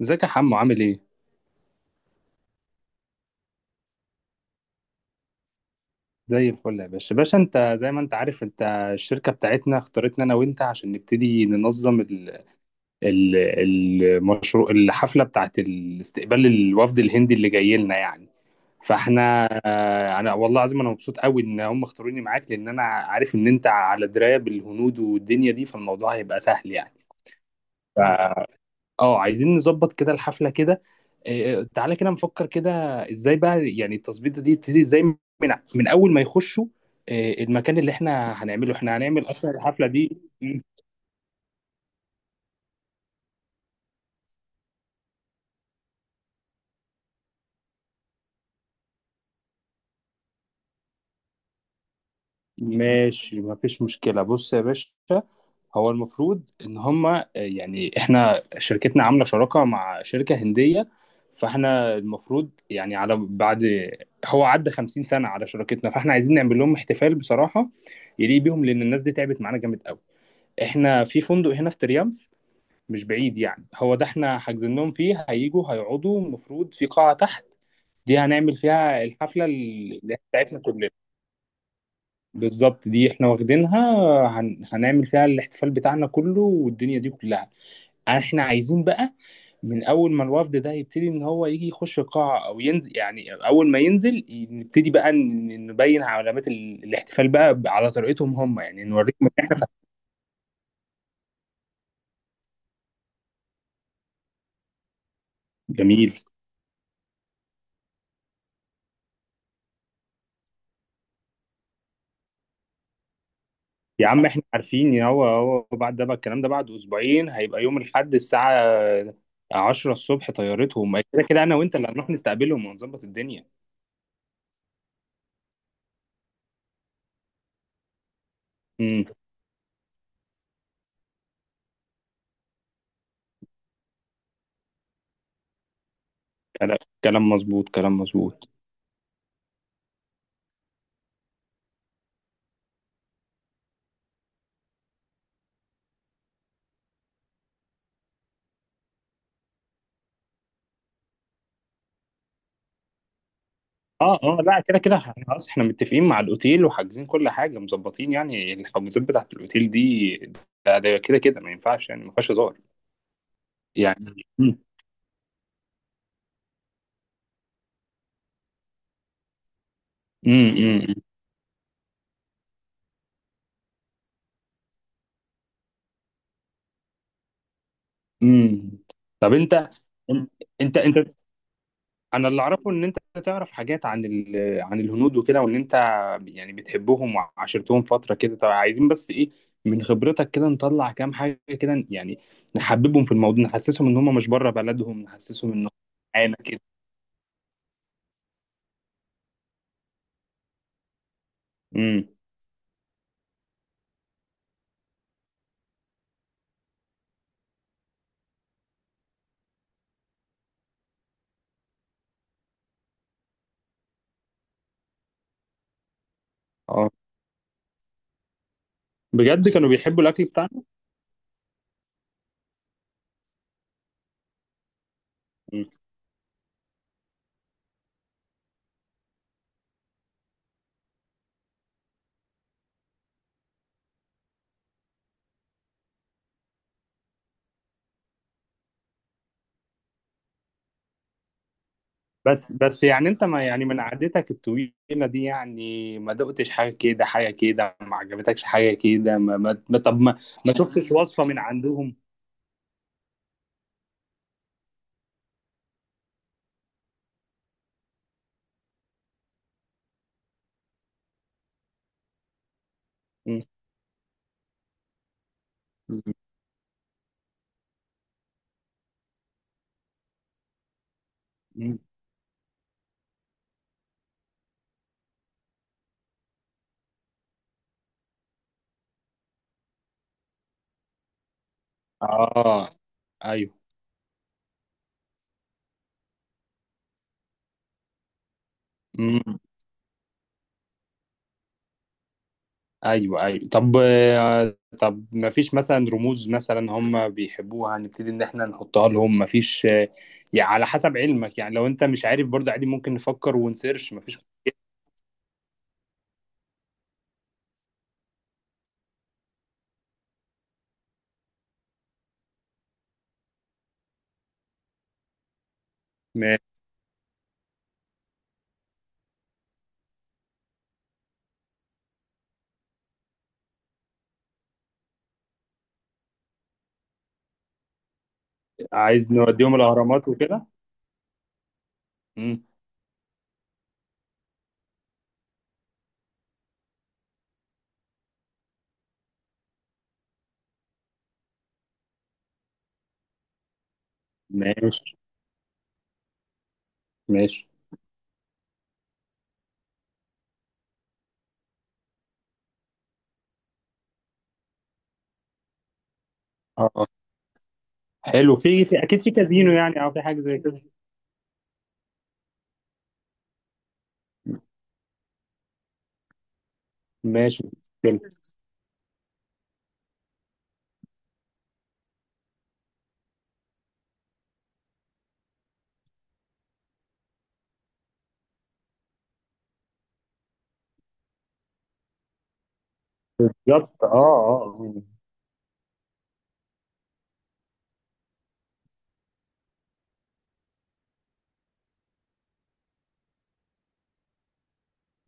ازيك يا حمو عامل ايه؟ زي الفل يا باشا باشا. انت زي ما انت عارف، انت الشركة بتاعتنا اختارتنا انا وانت عشان نبتدي ننظم ال- المشروع، الحفلة بتاعت الاستقبال الوفد الهندي اللي جاي لنا يعني. فاحنا انا والله العظيم انا مبسوط قوي ان هم اختاروني معاك، لان انا عارف ان انت على دراية بالهنود والدنيا دي، فالموضوع هيبقى سهل يعني. اه، عايزين نظبط كده الحفلة كده. تعالى كده نفكر كده. ازاي بقى يعني التظبيطة دي تبتدي ازاي، من اول ما يخشوا. المكان اللي احنا هنعمله، احنا هنعمل اصلا الحفلة دي ماشي، مفيش مشكلة، بص يا باشا. هو المفروض ان هما يعني احنا شركتنا عاملة شراكة مع شركة هندية، فاحنا المفروض يعني على بعد. هو عدى 50 سنة على شراكتنا، فاحنا عايزين نعمل لهم احتفال بصراحة يليق بيهم، لان الناس دي تعبت معانا جامد قوي. احنا في فندق هنا في تريمف، مش بعيد يعني، هو ده احنا حاجزين لهم فيه. هيجوا هيقعدوا المفروض في قاعة تحت، دي هنعمل فيها الحفلة اللي بتاعتنا كلنا. بالظبط، دي احنا واخدينها. هنعمل فيها الاحتفال بتاعنا كله والدنيا دي كلها. احنا عايزين بقى، من اول ما الوفد ده يبتدي ان هو يجي يخش القاعه او ينزل، يعني اول ما ينزل نبتدي بقى نبين علامات الاحتفال بقى على طريقتهم هم، يعني نوريهم إن إحنا-. جميل. يا عم احنا عارفين، يا هو بعد ده بقى الكلام ده بعد اسبوعين، هيبقى يوم الاحد الساعة 10 الصبح طيارتهم، كده كده انا وانت اللي هنروح نستقبلهم ونظبط الدنيا. امم. كلام، كلام مظبوط، كلام مظبوط. اه، اه، لا كده كده احنا خلاص، احنا متفقين مع الاوتيل وحاجزين كل حاجة، مظبطين يعني الحجوزات بتاعت الاوتيل دي. ده كده كده ما ينفعش يعني، ما فيهاش هزار يعني. امم، امم، امم. طب انت، انا اللي اعرفه ان انت تعرف حاجات عن عن الهنود وكده، وان انت يعني بتحبهم وعاشرتهم فتره كده. طب عايزين بس ايه من خبرتك كده، نطلع كام حاجه كده يعني، نحببهم في الموضوع، نحسسهم ان هم مش بره بلدهم، نحسسهم ان هم معانا كده. امم. اه، بجد كانوا بيحبوا الاكل بتاعنا؟ مم. بس يعني انت ما يعني من قعدتك الطويله دي، يعني ما دقتش حاجه كده، حاجه كده ما عجبتكش؟ حاجه كده، طب ما، ما شفتش وصفه من عندهم؟ مم. اه. ايوه. امم. ايوه، ايوه، طب. طب ما فيش مثلا رموز مثلا هم بيحبوها نبتدي ان احنا نحطها لهم؟ ما فيش يعني على حسب علمك يعني، لو انت مش عارف برضه عادي، ممكن نفكر ونسيرش؟ ما فيش ما- عايز نوديهم الاهرامات وكده. امم. ماشي، ماشي. اه، آه. حلو، في اكيد في كازينو يعني او في حاجه زي كده. ماشي. بالظبط، اه، اه، آه.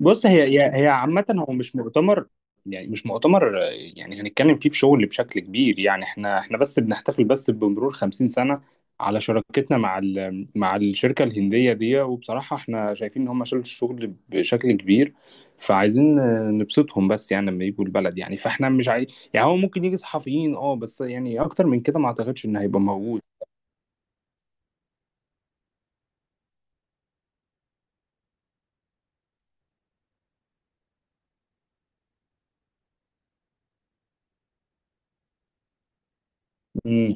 بص، هي عامة هو مش مؤتمر يعني، مش مؤتمر يعني هنتكلم فيه في شغل بشكل كبير يعني. احنا بس بنحتفل بس بمرور 50 سنة على شراكتنا مع مع الشركة الهندية دي، وبصراحة احنا شايفين ان هم شالوا الشغل بشكل كبير. فعايزين نبسطهم بس يعني لما يجوا البلد يعني. فاحنا مش عايز يعني، هو ممكن يجي صحفيين اه، بس يعني اكتر من كده ما اعتقدش ان هيبقى موجود. امم.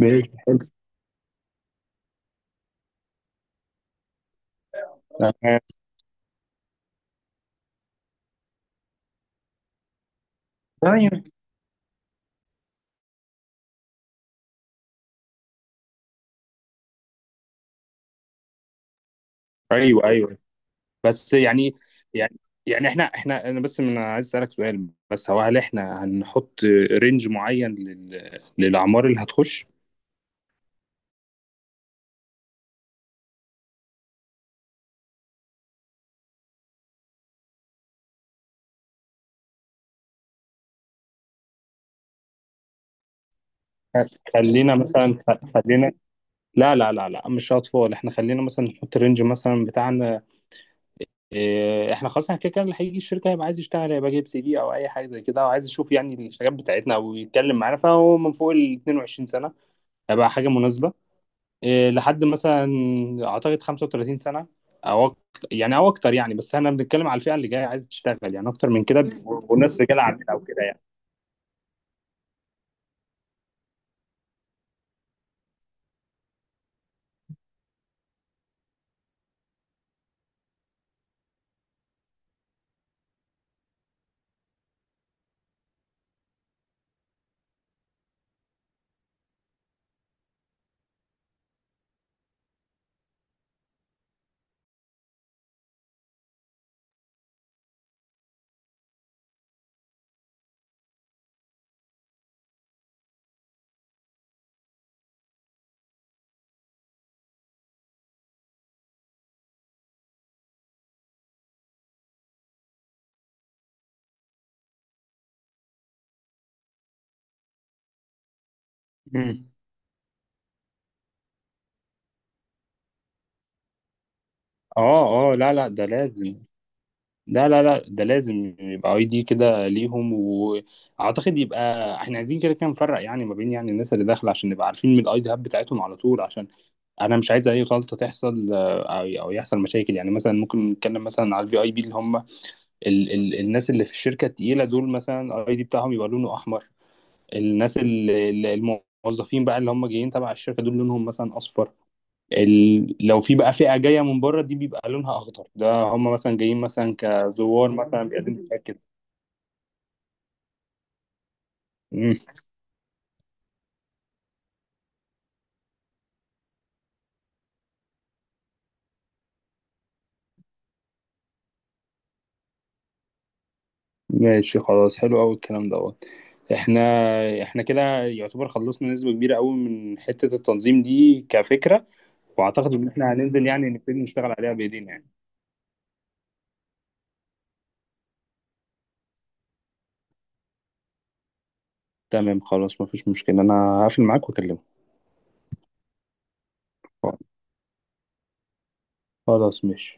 باذن الله. ايوه، ايوه، بس يعني يعني يعني احنا انا بس من عايز اسالك سؤال، بس هو هل احنا هنحط رينج معين للاعمار اللي هتخش؟ خلينا مثلا، خلينا، لا، لا، لا، لا، مش اطفال احنا، خلينا مثلا نحط رينج مثلا بتاعنا. اه، احنا خلاص احنا كده كده اللي هيجي الشركه هيبقى عايز يشتغل، هيبقى جايب سي في او اي حاجه زي كده، او عايز يشوف يعني الحاجات بتاعتنا او يتكلم معانا، فهو من فوق ال 22 سنه هيبقى حاجه مناسبه، إيه، لحد مثلا اعتقد 35 سنه او اكتر يعني، او اكتر يعني. بس احنا بنتكلم على الفئه اللي جايه عايزه تشتغل يعني، اكتر من كده والناس رجاله عامله او كده يعني. مم. اه، اه، لا، لا، ده لازم، لا، لا، لا، ده لازم يبقى اي دي كده ليهم. واعتقد يبقى احنا عايزين كده كده نفرق يعني ما بين يعني الناس اللي داخله، عشان نبقى عارفين من الاي دي هاب بتاعتهم على طول، عشان انا مش عايز اي غلطه تحصل او يحصل مشاكل يعني. مثلا ممكن نتكلم مثلا على الفي اي بي، اللي هم ال ال الناس اللي في الشركة التقيلة دول، مثلا الاي دي بتاعهم يبقى لونه احمر. الناس الموظفين بقى اللي هم جايين تبع الشركة دول لونهم مثلا اصفر. لو في بقى فئة جاية من بره دي بيبقى لونها اخضر، ده هم مثلا جايين مثلا كزوار مثلا بيقدموا تأكد. ماشي، خلاص، حلو قوي الكلام دوت. احنا كده يعتبر خلصنا نسبة كبيرة قوي من حتة التنظيم دي كفكرة. واعتقد ان احنا هننزل يعني نبتدي نشتغل عليها بايدينا يعني. تمام، خلاص، مفيش مشكلة، انا هقفل معاك واكلمك. خلاص، ماشي.